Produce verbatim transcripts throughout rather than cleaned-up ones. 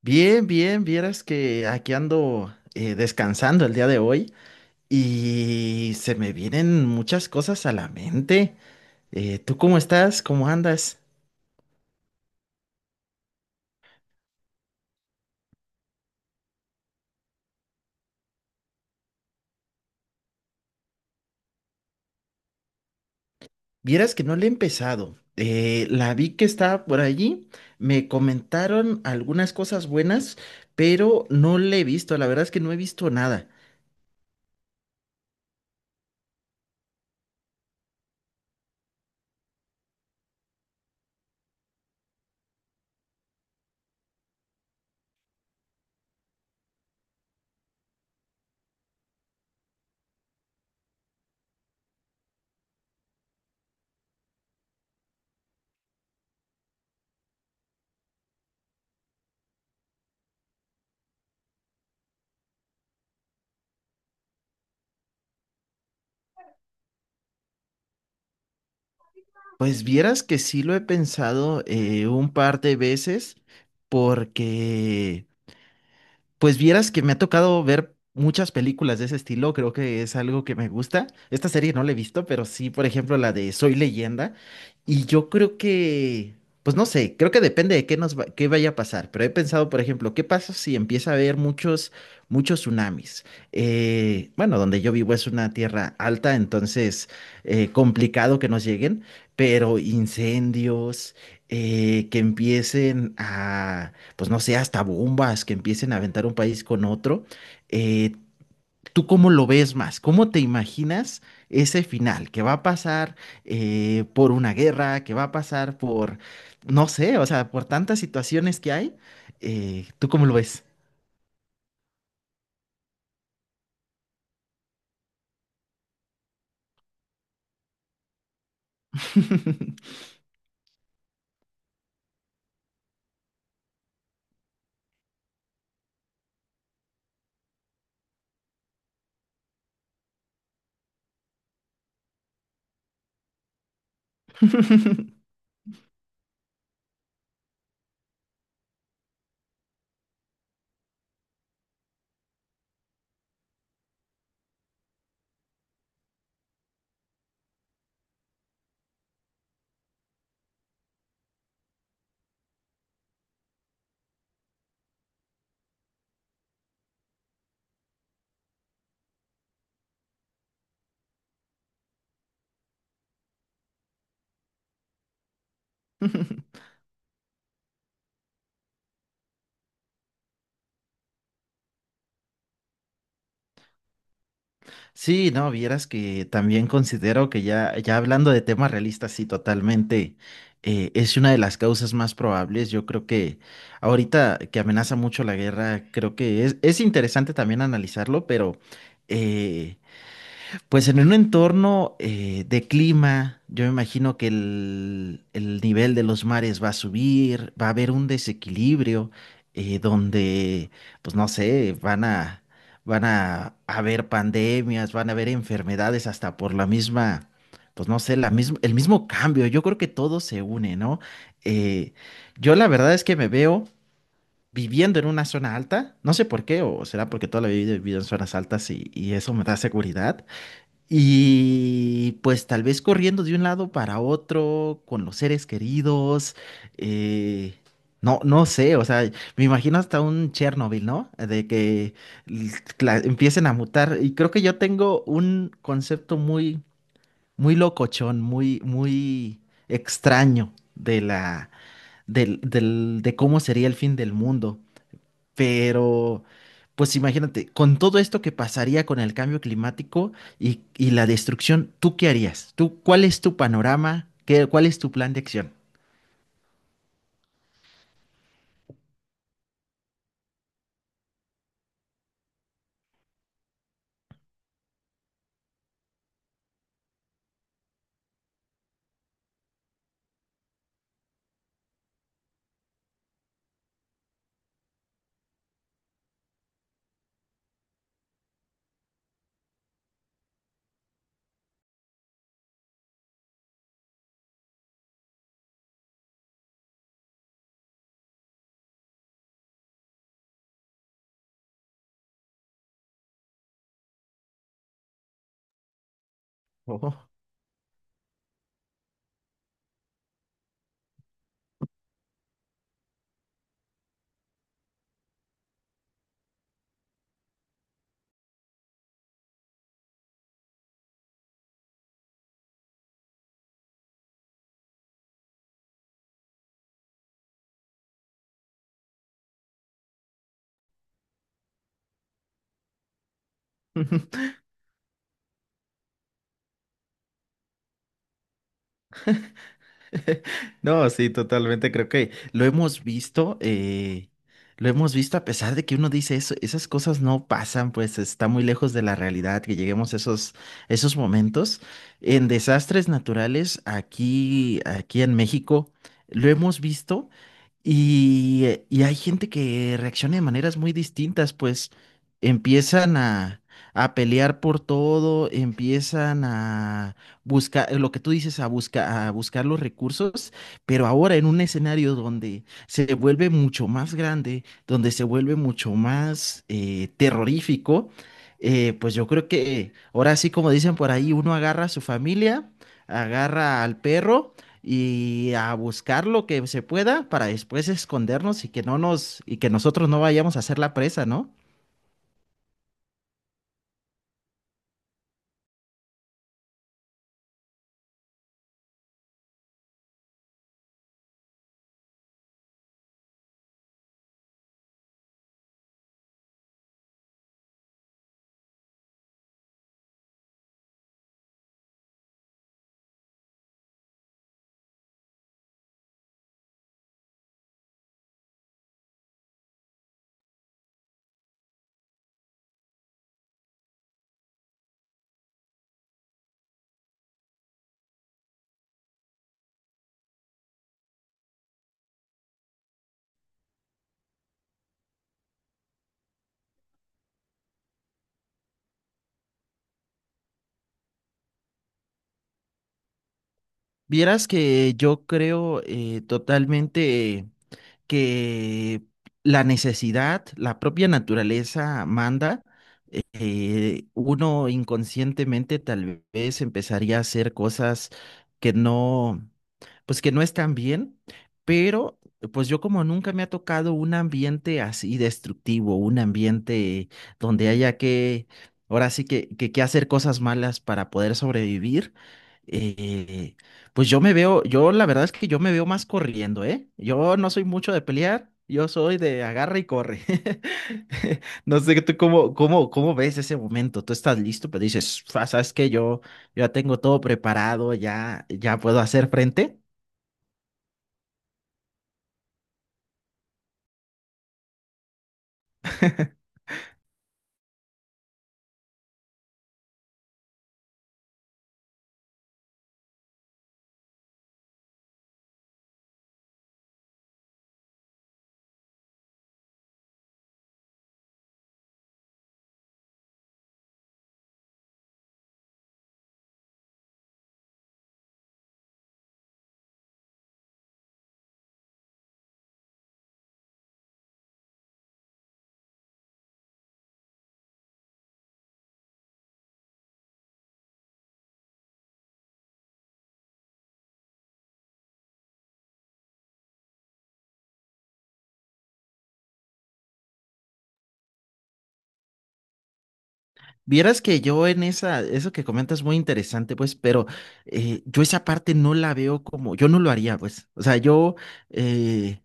Bien, bien, vieras que aquí ando eh, descansando el día de hoy y se me vienen muchas cosas a la mente. Eh, ¿tú cómo estás? ¿Cómo andas? Vieras que no le he empezado. Eh, la vi que estaba por allí, me comentaron algunas cosas buenas, pero no le he visto, la verdad es que no he visto nada. Pues vieras que sí lo he pensado eh, un par de veces porque... Pues vieras que me ha tocado ver muchas películas de ese estilo, creo que es algo que me gusta. Esta serie no la he visto, pero sí, por ejemplo, la de Soy Leyenda. Y yo creo que, pues no sé, creo que depende de qué nos va- qué vaya a pasar. Pero he pensado, por ejemplo, ¿qué pasa si empieza a haber muchos, muchos tsunamis? Eh, bueno, donde yo vivo es una tierra alta, entonces eh, complicado que nos lleguen, pero incendios, eh, que empiecen a pues no sé, hasta bombas que empiecen a aventar un país con otro. eh, ¿Tú cómo lo ves más? ¿Cómo te imaginas ese final? ¿Que va a pasar eh, por una guerra? ¿Que va a pasar por, no sé, o sea, por tantas situaciones que hay? Eh, ¿tú cómo lo ves? Sí, no, vieras que también considero que ya, ya hablando de temas realistas, sí, totalmente, eh, es una de las causas más probables. Yo creo que ahorita que amenaza mucho la guerra, creo que es, es interesante también analizarlo, pero eh, pues en un entorno eh, de clima, yo me imagino que el, el nivel de los mares va a subir, va a haber un desequilibrio eh, donde, pues no sé, van a, van a haber pandemias, van a haber enfermedades hasta por la misma, pues no sé, la misma, el mismo cambio. Yo creo que todo se une, ¿no? Eh, yo la verdad es que me veo viviendo en una zona alta, no sé por qué, o será porque toda la vida he vivido en zonas altas y, y eso me da seguridad y pues tal vez corriendo de un lado para otro, con los seres queridos, eh, no, no sé, o sea, me imagino hasta un Chernobyl, ¿no? De que l- la- empiecen a mutar. Y creo que yo tengo un concepto muy, muy locochón, muy, muy extraño de la, del, del- de cómo sería el fin del mundo. Pero, pues imagínate, con todo esto que pasaría con el cambio climático y, y la destrucción, ¿tú qué harías? ¿Tú, cuál es tu panorama? ¿Qué, cuál es tu plan de acción? Ojo. No, sí, totalmente. Creo que lo hemos visto, eh, lo hemos visto a pesar de que uno dice eso, esas cosas no pasan, pues está muy lejos de la realidad que lleguemos a esos, esos momentos. En desastres naturales, aquí, aquí en México, lo hemos visto. Y, eh, y hay gente que reacciona de maneras muy distintas, pues empiezan a, a pelear por todo, empiezan a buscar, eh, lo que tú dices, a, busca- a buscar los recursos, pero ahora en un escenario donde se vuelve mucho más grande, donde se vuelve mucho más eh, terrorífico, eh, pues yo creo que ahora sí, como dicen por ahí, uno agarra a su familia, agarra al perro y a buscar lo que se pueda para después escondernos y que no nos y que nosotros no vayamos a ser la presa, ¿no? Vieras que yo creo eh, totalmente que la necesidad, la propia naturaleza manda. Eh, uno inconscientemente tal vez empezaría a hacer cosas que no pues que no están bien, pero pues yo como nunca me ha tocado un ambiente así destructivo, un ambiente donde haya que, ahora sí que, que, que hacer cosas malas para poder sobrevivir, eh, pues yo me veo, yo la verdad es que yo me veo más corriendo, ¿eh? Yo no soy mucho de pelear. Yo soy de agarra y corre. No sé tú cómo, cómo, cómo ves ese momento. Tú estás listo, pero dices, "Fa, ¿sabes que Yo, yo ya tengo todo preparado, ya, ya puedo hacer frente. Vieras que yo en esa, eso que comentas es muy interesante, pues, pero eh, yo esa parte no la veo como, yo no lo haría, pues, o sea, yo, eh,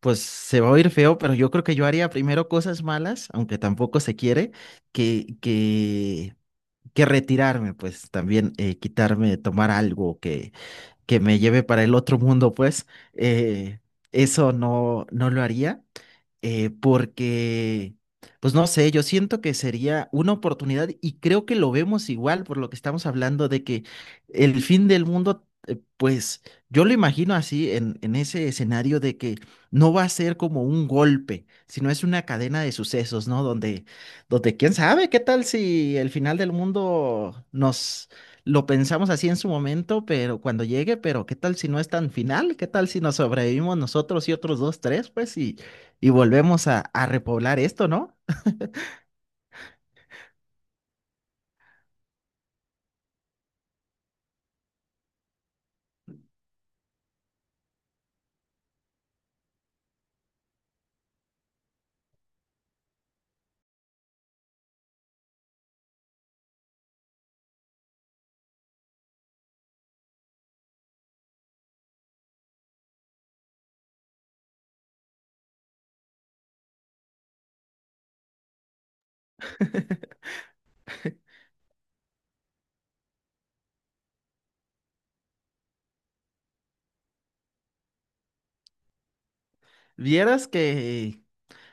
pues se va a oír feo, pero yo creo que yo haría primero cosas malas, aunque tampoco se quiere, que, que, que retirarme, pues, también eh, quitarme, tomar algo que, que me lleve para el otro mundo, pues, eh, eso no, no lo haría eh, porque, pues no sé, yo siento que sería una oportunidad y creo que lo vemos igual por lo que estamos hablando de que el fin del mundo, eh, pues yo lo imagino así en, en ese escenario de que no va a ser como un golpe, sino es una cadena de sucesos, ¿no? Donde, donde quién sabe qué tal si el final del mundo nos... Lo pensamos así en su momento, pero cuando llegue, pero ¿qué tal si no es tan final? ¿Qué tal si nos sobrevivimos nosotros y otros dos, tres? Pues y, y volvemos a, a repoblar esto, ¿no? Vieras que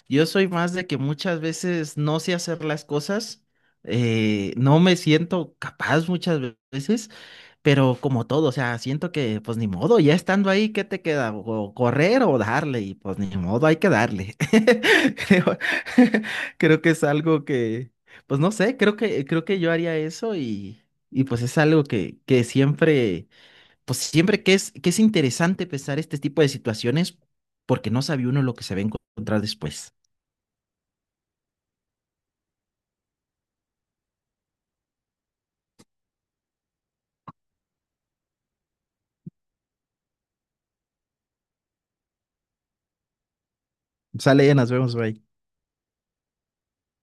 yo soy más de que muchas veces no sé hacer las cosas, eh, no me siento capaz muchas ve- veces, pero como todo, o sea, siento que pues ni modo, ya estando ahí, ¿qué te queda? O correr o darle, y pues ni modo, hay que darle. Creo, creo que es algo que, pues no sé, creo que, creo que yo haría eso y, y pues es algo que, que siempre pues siempre que es, que es interesante pensar este tipo de situaciones porque no sabe uno lo que se va a encontrar después. Sale, ya nos vemos, bye.